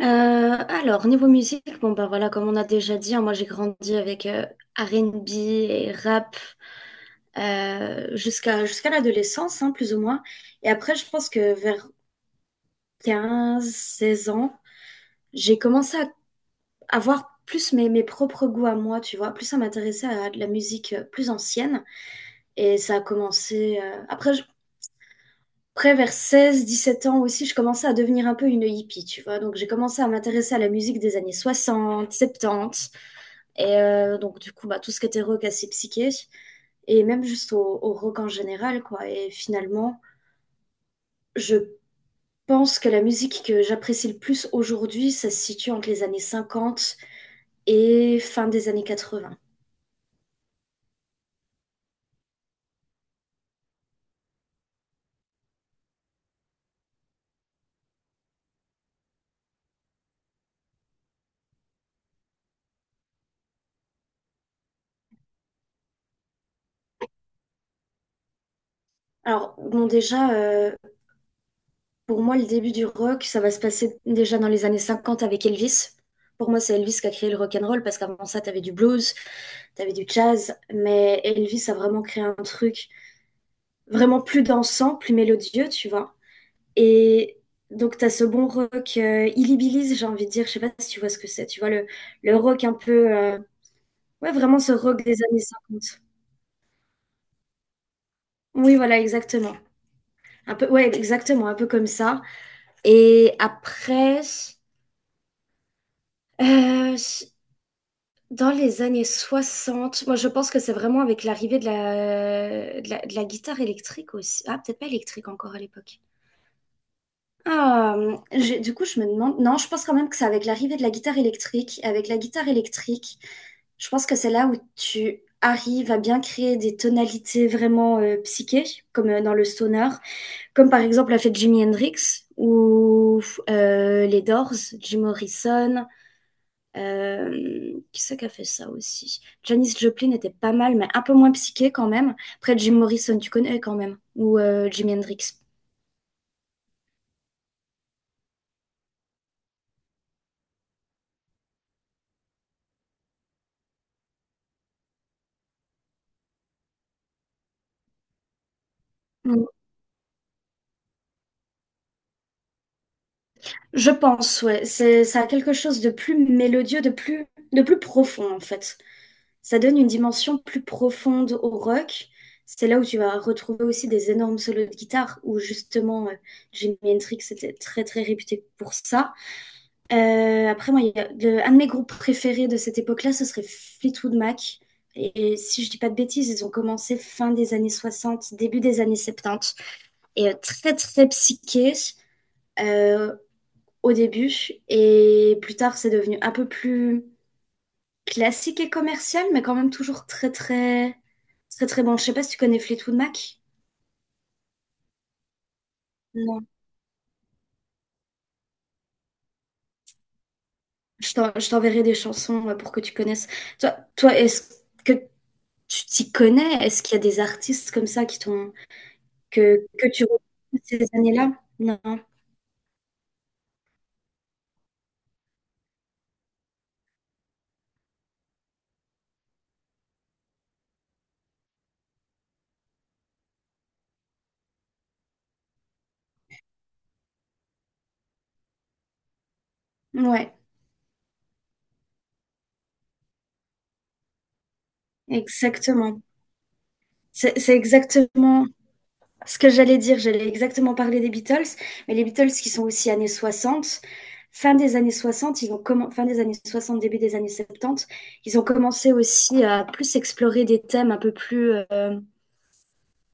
Euh, alors, niveau musique, bon, bah voilà, comme on a déjà dit, hein, moi j'ai grandi avec R&B et rap jusqu'à l'adolescence, hein, plus ou moins. Et après, je pense que vers 15 16 ans, j'ai commencé à avoir plus mes propres goûts à moi, tu vois, plus à m'intéresser à de la musique plus ancienne. Et ça a commencé. Après, vers 16 17 ans aussi, je commençais à devenir un peu une hippie, tu vois. Donc j'ai commencé à m'intéresser à la musique des années 60, 70. Et donc, du coup, bah, tout ce qui était rock assez psyché, et même juste au rock en général, quoi. Et finalement, je pense que la musique que j'apprécie le plus aujourd'hui, ça se situe entre les années 50 et fin des années 80. Alors, bon, déjà, pour moi, le début du rock, ça va se passer déjà dans les années 50 avec Elvis. Pour moi, c'est Elvis qui a créé le rock and roll parce qu'avant ça, t'avais du blues, t'avais du jazz, mais Elvis a vraiment créé un truc vraiment plus dansant, plus mélodieux, tu vois. Et donc, tu as ce bon rock illibilise, j'ai envie de dire, je sais pas si tu vois ce que c'est, tu vois, le rock un peu, ouais, vraiment ce rock des années cinquante. Oui, voilà, exactement. Un peu, ouais, exactement, un peu comme ça. Et après, euh, dans les années 60, moi je pense que c'est vraiment avec l'arrivée de la guitare électrique aussi. Ah, peut-être pas électrique encore à l'époque. Ah, du coup, je me demande. Non, je pense quand même que c'est avec l'arrivée de la guitare électrique. Avec la guitare électrique, je pense que c'est là où tu arrives à bien créer des tonalités vraiment psychées, comme dans le stoner, comme par exemple l'a fait Jimi Hendrix ou les Doors, Jim Morrison. Qui c'est qui a fait ça aussi? Janis Joplin était pas mal, mais un peu moins psyché quand même. Après, Jim Morrison, tu connais quand même, ou Jimi Hendrix. Je pense, ouais. C'est, ça a quelque chose de plus mélodieux, de plus profond, en fait. Ça donne une dimension plus profonde au rock. C'est là où tu vas retrouver aussi des énormes solos de guitare, où justement, Jimi Hendrix était très, très réputé pour ça. Après, moi, il y a un de mes groupes préférés de cette époque-là, ce serait Fleetwood Mac. Et si je dis pas de bêtises, ils ont commencé fin des années 60, début des années 70. Et très, très psyché. Euh, Au début et plus tard c'est devenu un peu plus classique et commercial, mais quand même toujours très très très très bon. Je sais pas si tu connais Fleetwood Mac. Non. Je t'enverrai des chansons pour que tu connaisses. Toi, toi, est-ce que tu t'y connais? Est-ce qu'il y a des artistes comme ça qui t'ont que tu retrouves ces années-là? Non. Ouais, exactement. C'est exactement ce que j'allais dire, j'allais exactement parler des Beatles, mais les Beatles qui sont aussi années 60, fin des années 60, fin des années 60, début des années 70, ils ont commencé aussi à plus explorer des thèmes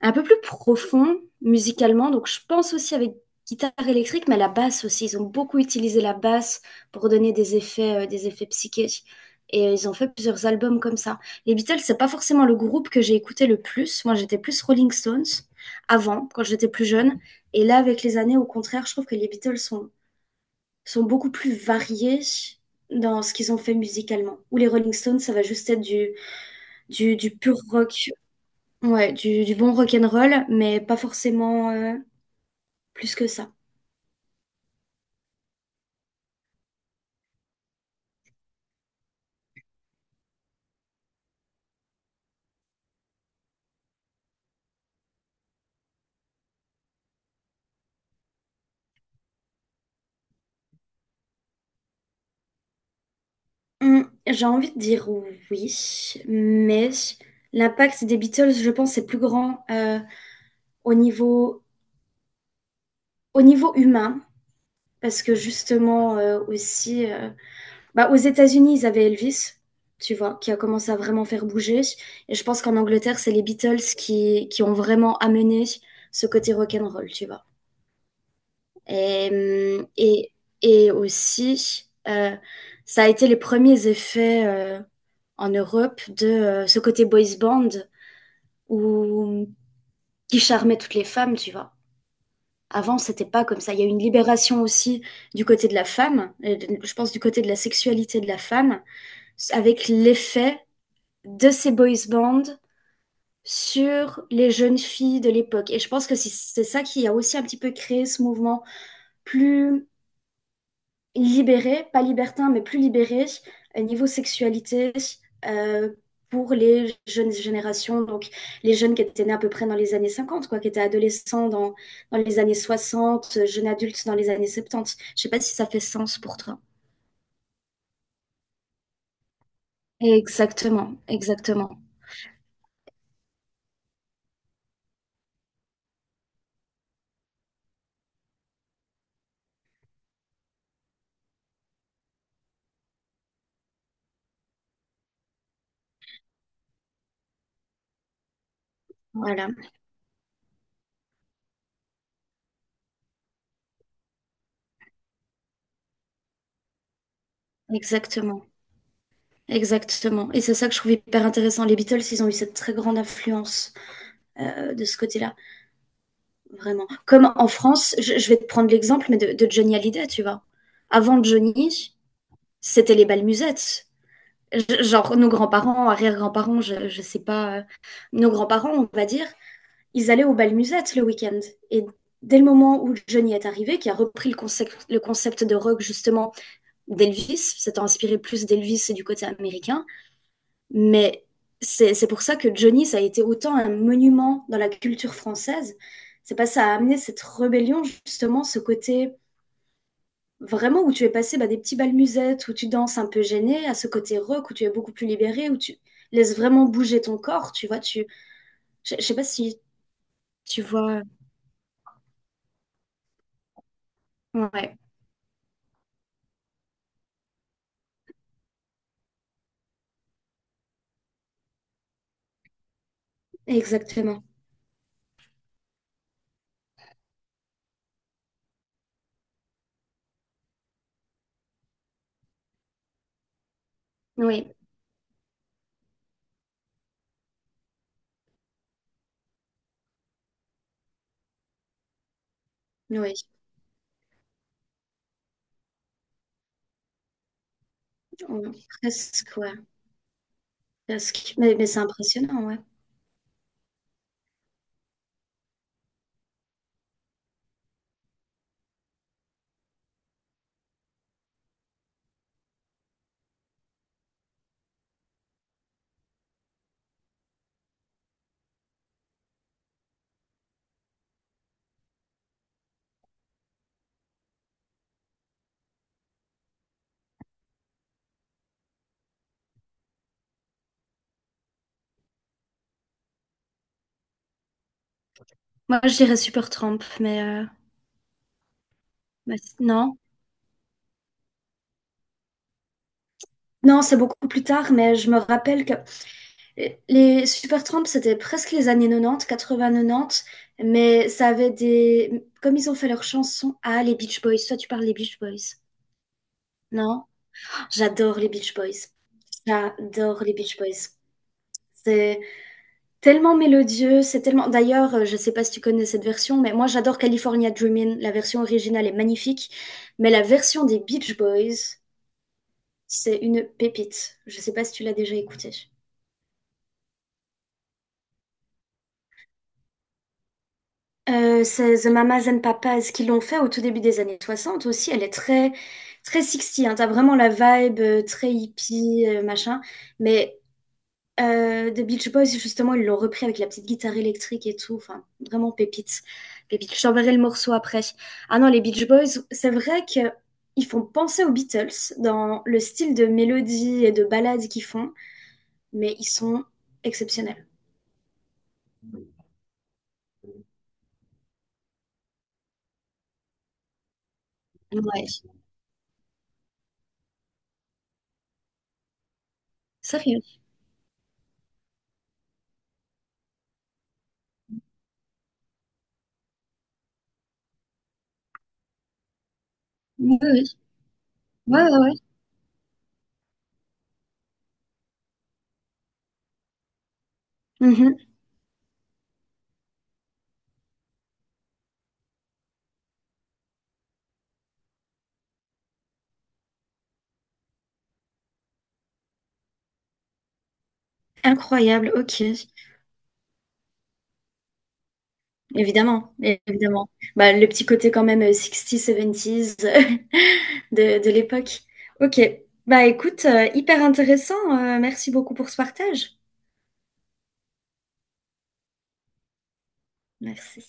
un peu plus profond musicalement. Donc, je pense aussi avec guitare électrique, mais la basse aussi. Ils ont beaucoup utilisé la basse pour donner des effets psychiques. Et ils ont fait plusieurs albums comme ça. Les Beatles, c'est pas forcément le groupe que j'ai écouté le plus. Moi, j'étais plus Rolling Stones avant, quand j'étais plus jeune. Et là, avec les années, au contraire, je trouve que les Beatles sont beaucoup plus variés dans ce qu'ils ont fait musicalement. Ou les Rolling Stones, ça va juste être du pur rock. Ouais, du bon rock'n'roll, mais pas forcément plus que ça. J'ai envie de dire oui, mais l'impact des Beatles, je pense, est plus grand au niveau, au niveau humain, parce que justement aussi, bah, aux États-Unis, ils avaient Elvis, tu vois, qui a commencé à vraiment faire bouger, et je pense qu'en Angleterre, c'est les Beatles qui ont vraiment amené ce côté rock'n'roll, tu vois. Et, et, et aussi, ça a été les premiers effets en Europe de ce côté boys band où, qui charmait toutes les femmes, tu vois. Avant, c'était pas comme ça. Il y a eu une libération aussi du côté de la femme, je pense du côté de la sexualité de la femme, avec l'effet de ces boys bands sur les jeunes filles de l'époque. Et je pense que c'est ça qui a aussi un petit peu créé ce mouvement plus libéré, pas libertin, mais plus libéré niveau sexualité euh, pour les jeunes générations, donc les jeunes qui étaient nés à peu près dans les années 50 quoi, qui étaient adolescents dans les années 60 jeunes adultes dans les années 70. Je sais pas si ça fait sens pour toi. Exactement, exactement. Voilà, exactement. Exactement. Et c'est ça que je trouve hyper intéressant. Les Beatles, ils ont eu cette très grande influence de ce côté-là. Vraiment. Comme en France, je vais te prendre l'exemple, mais de Johnny Hallyday, tu vois. Avant Johnny, c'était les belles musettes. Genre, nos grands-parents, arrière-grands-parents, je sais pas, nos grands-parents, on va dire, ils allaient aux bal musettes le week-end. Et dès le moment où Johnny est arrivé, qui a repris le concept de rock, justement, d'Elvis, s'étant inspiré plus d'Elvis et du côté américain, mais c'est pour ça que Johnny, ça a été autant un monument dans la culture française. C'est pas ça a amené cette rébellion, justement, ce côté vraiment où tu es passé bah, des petits bals musettes, où tu danses un peu gêné, à ce côté rock, où tu es beaucoup plus libéré, où tu laisses vraiment bouger ton corps, tu vois. Tu... Je sais pas si tu vois. Ouais, exactement. Oui, oui. On- Presque, ouais. Presque. Mais c'est impressionnant, ouais. Moi, je dirais Super Trump, mais non. Non, c'est beaucoup plus tard, mais je me rappelle que les Supertramp, c'était presque les années 90, 80-90, mais ça avait des... Comme ils ont fait leurs chansons... Ah, les Beach Boys, toi tu parles des Beach Boys. Non? J'adore les Beach Boys. J'adore les Beach Boys. C'est tellement mélodieux, c'est tellement... D'ailleurs, je sais pas si tu connais cette version, mais moi j'adore California Dreamin'. La version originale est magnifique, mais la version des Beach Boys, c'est une pépite. Je sais pas si tu l'as déjà écoutée. C'est The Mamas and Papas qui l'ont fait au tout début des années 60 aussi. Elle est très, très 60 hein. T'as vraiment la vibe très hippie, machin. Mais The Beach Boys, justement, ils l'ont repris avec la petite guitare électrique et tout. Enfin, vraiment pépite. Pépite. Je t'enverrai le morceau après. Ah non, les Beach Boys, c'est vrai que ils font penser aux Beatles dans le style de mélodie et de ballade qu'ils font, mais ils sont exceptionnels. Ouais, sérieux. Oui, oui. Ouais, ouais, ouais. Incroyable, OK. Évidemment, évidemment. Bah, le petit côté quand même, 60s, de l'époque. OK. Bah, écoute, hyper intéressant, merci beaucoup pour ce partage. Merci.